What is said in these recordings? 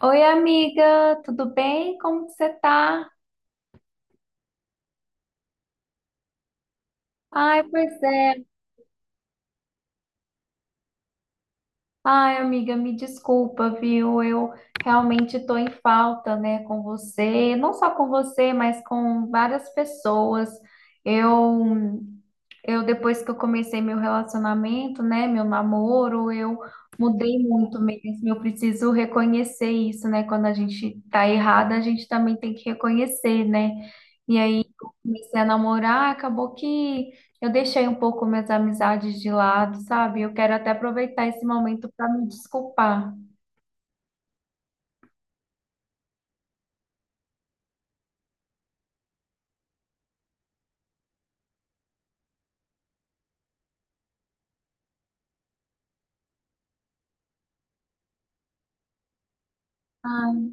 Oi, amiga, tudo bem? Como que você tá? Ai, pois é. Ai, amiga, me desculpa, viu? Eu realmente tô em falta, né, com você, não só com você, mas com várias pessoas. Eu Eu, depois que eu comecei meu relacionamento, né, meu namoro, eu mudei muito mesmo. Eu preciso reconhecer isso, né? Quando a gente tá errada, a gente também tem que reconhecer, né? E aí, eu comecei a namorar, acabou que eu deixei um pouco minhas amizades de lado, sabe? Eu quero até aproveitar esse momento para me desculpar. Ai.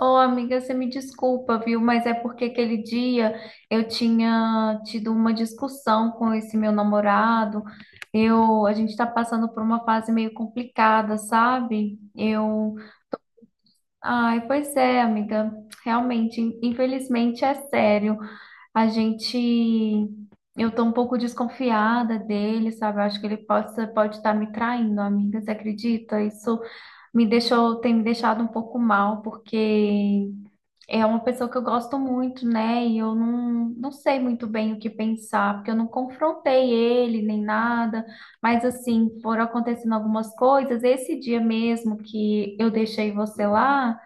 Ô, amiga, você me desculpa, viu? Mas é porque aquele dia eu tinha tido uma discussão com esse meu namorado. Eu, a gente tá passando por uma fase meio complicada, sabe? Eu, ai, pois é, amiga. Realmente, infelizmente é sério. A gente. Eu tô um pouco desconfiada dele, sabe? Eu acho que ele possa, pode estar me traindo, amiga. Você acredita? Isso me deixou, tem me deixado um pouco mal, porque é uma pessoa que eu gosto muito, né? E eu não, não sei muito bem o que pensar, porque eu não confrontei ele nem nada. Mas, assim, foram acontecendo algumas coisas. Esse dia mesmo que eu deixei você lá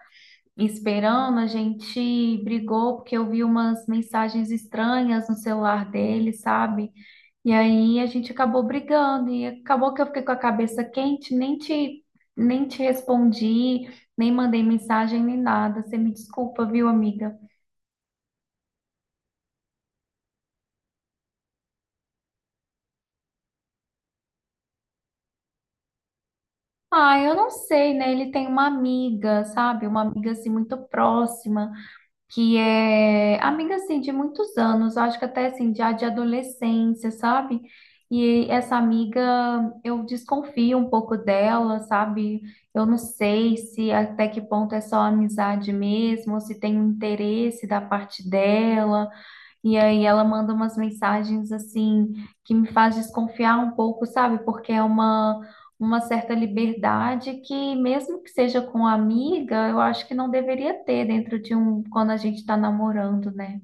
esperando, a gente brigou porque eu vi umas mensagens estranhas no celular dele, sabe? E aí a gente acabou brigando e acabou que eu fiquei com a cabeça quente, nem te respondi, nem mandei mensagem nem nada. Você me desculpa, viu, amiga? Ah, eu não sei, né? Ele tem uma amiga, sabe? Uma amiga assim muito próxima, que é amiga assim de muitos anos, eu acho que até assim já de adolescência, sabe? E essa amiga, eu desconfio um pouco dela, sabe? Eu não sei se até que ponto é só amizade mesmo, ou se tem um interesse da parte dela. E aí ela manda umas mensagens assim que me faz desconfiar um pouco, sabe? Porque é uma certa liberdade que mesmo que seja com amiga, eu acho que não deveria ter dentro de um quando a gente está namorando, né?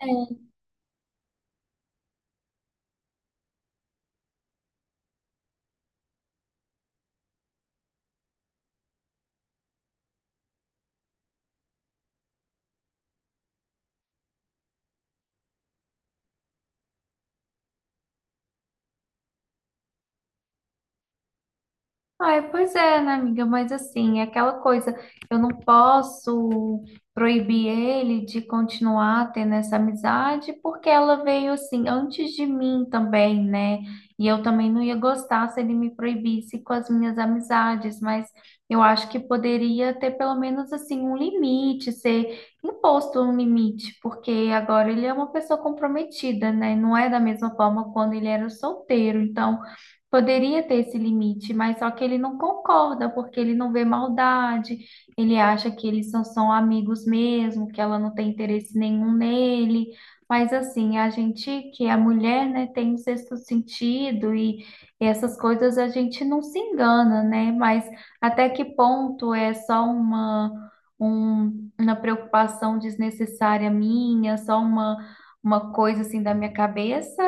É. Ai, pois é, né, amiga? Mas assim, é aquela coisa, eu não posso proibir ele de continuar tendo essa amizade, porque ela veio assim antes de mim também, né? E eu também não ia gostar se ele me proibisse com as minhas amizades, mas eu acho que poderia ter pelo menos assim um limite, ser imposto um limite, porque agora ele é uma pessoa comprometida, né? Não é da mesma forma quando ele era solteiro, então. Poderia ter esse limite, mas só que ele não concorda, porque ele não vê maldade, ele acha que eles só são amigos mesmo, que ela não tem interesse nenhum nele. Mas assim, a gente, que a mulher, né, tem um sexto sentido e essas coisas a gente não se engana, né? Mas até que ponto é só uma, uma preocupação desnecessária minha, só uma coisa assim da minha cabeça?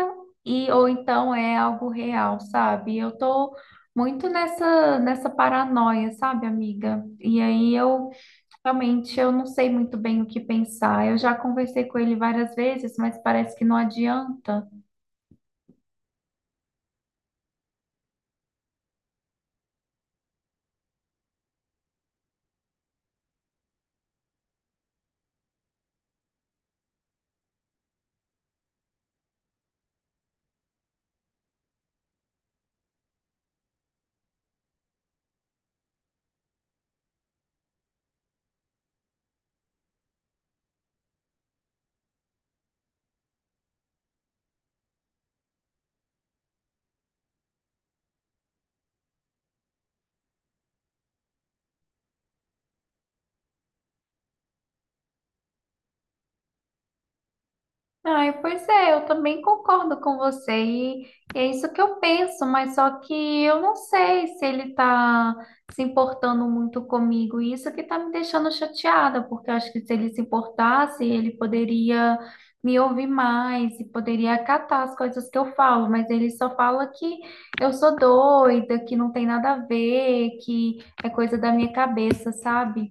E ou então é algo real, sabe? Eu tô muito nessa paranoia, sabe, amiga? E aí eu realmente eu não sei muito bem o que pensar. Eu já conversei com ele várias vezes, mas parece que não adianta. Ai, pois é, eu também concordo com você e é isso que eu penso, mas só que eu não sei se ele tá se importando muito comigo e isso que tá me deixando chateada, porque eu acho que se ele se importasse, ele poderia me ouvir mais e poderia acatar as coisas que eu falo, mas ele só fala que eu sou doida, que não tem nada a ver, que é coisa da minha cabeça, sabe?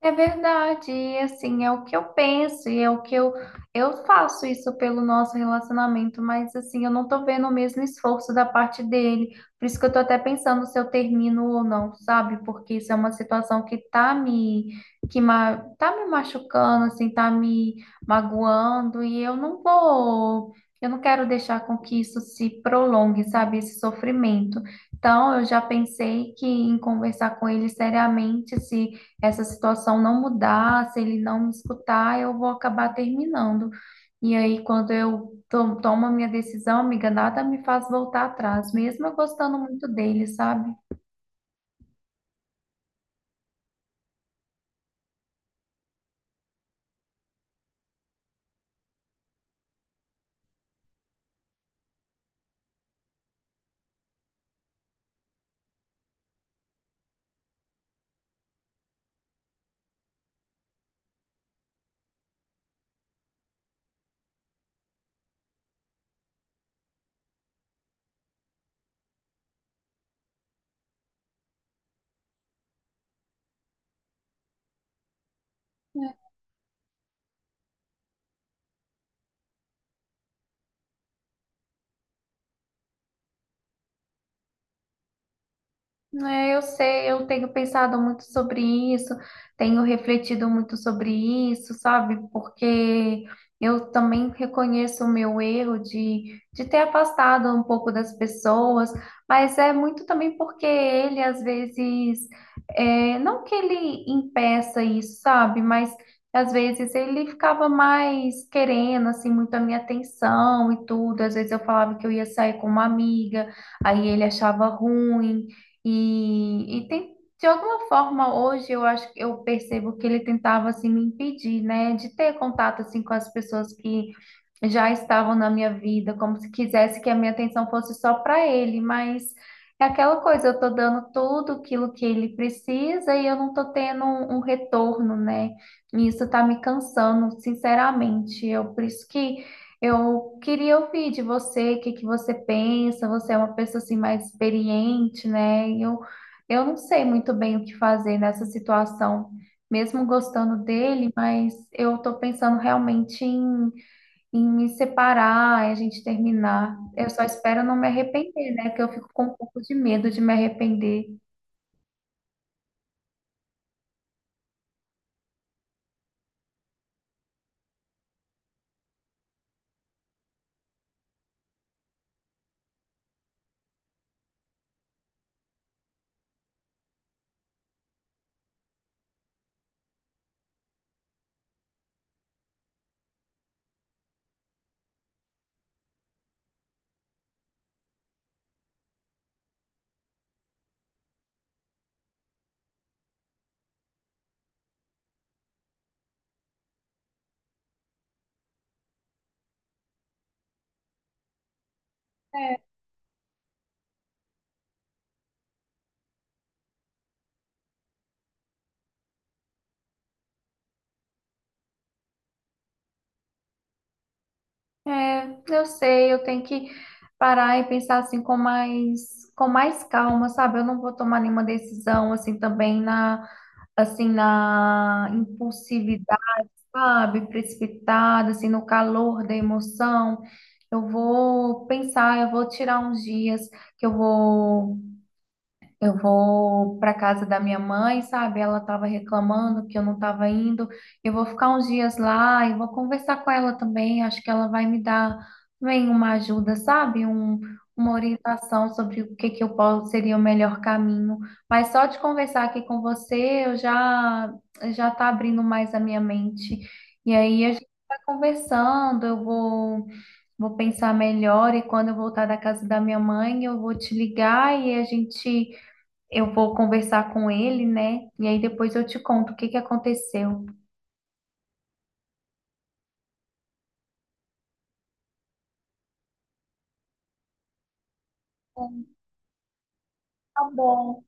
É verdade, e assim, é o que eu penso e é o que eu faço isso pelo nosso relacionamento, mas assim, eu não tô vendo o mesmo esforço da parte dele. Por isso que eu tô até pensando se eu termino ou não, sabe? Porque isso é uma situação que tá me tá me machucando, assim, tá me magoando e eu não vou. Eu não quero deixar com que isso se prolongue, sabe? Esse sofrimento. Então, eu já pensei que em conversar com ele seriamente, se essa situação não mudar, se ele não me escutar, eu vou acabar terminando. E aí, quando eu tomo a minha decisão, amiga, nada me faz voltar atrás, mesmo eu gostando muito dele, sabe? É, eu sei, eu tenho pensado muito sobre isso, tenho refletido muito sobre isso, sabe? Porque eu também reconheço o meu erro de ter afastado um pouco das pessoas, mas é muito também porque ele, às vezes, é, não que ele impeça isso, sabe? Mas às vezes ele ficava mais querendo, assim, muito a minha atenção e tudo. Às vezes eu falava que eu ia sair com uma amiga, aí ele achava ruim. E tem, de alguma forma, hoje eu acho que eu percebo que ele tentava assim me impedir, né, de ter contato assim com as pessoas que já estavam na minha vida, como se quisesse que a minha atenção fosse só para ele, mas é aquela coisa, eu tô dando tudo aquilo que ele precisa e eu não tô tendo um, um retorno, né? E isso tá me cansando, sinceramente. Eu por isso que eu queria ouvir de você, o que que você pensa? Você é uma pessoa assim mais experiente, né? E eu não sei muito bem o que fazer nessa situação, mesmo gostando dele, mas eu tô pensando realmente em, em me separar, em a gente terminar. Eu só espero não me arrepender, né? Que eu fico com um pouco de medo de me arrepender. É, eu sei, eu tenho que parar e pensar assim com mais calma, sabe? Eu não vou tomar nenhuma decisão assim também na assim na impulsividade, sabe? Precipitada, assim no calor da emoção. Eu vou pensar, eu vou tirar uns dias que eu vou para casa da minha mãe, sabe? Ela estava reclamando que eu não estava indo. Eu vou ficar uns dias lá e vou conversar com ela também. Acho que ela vai me dar bem uma ajuda, sabe? Um, uma orientação sobre o que que eu posso seria o melhor caminho. Mas só de conversar aqui com você, eu já já tá abrindo mais a minha mente. E aí a gente vai conversando, eu vou. Vou pensar melhor e quando eu voltar da casa da minha mãe, eu vou te ligar e a gente eu vou conversar com ele, né? E aí depois eu te conto o que que aconteceu. Tá bom.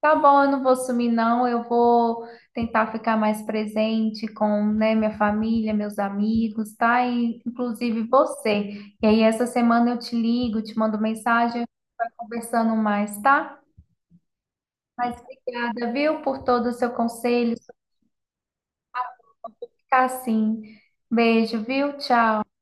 Tá bom, eu não vou sumir, não. Eu vou tentar ficar mais presente com, né, minha família, meus amigos, tá? E, inclusive você. E aí, essa semana eu te ligo, te mando mensagem, a gente vai conversando mais, tá? Mas obrigada, viu, por todo o seu conselho, sua ficar assim. Beijo, viu? Tchau.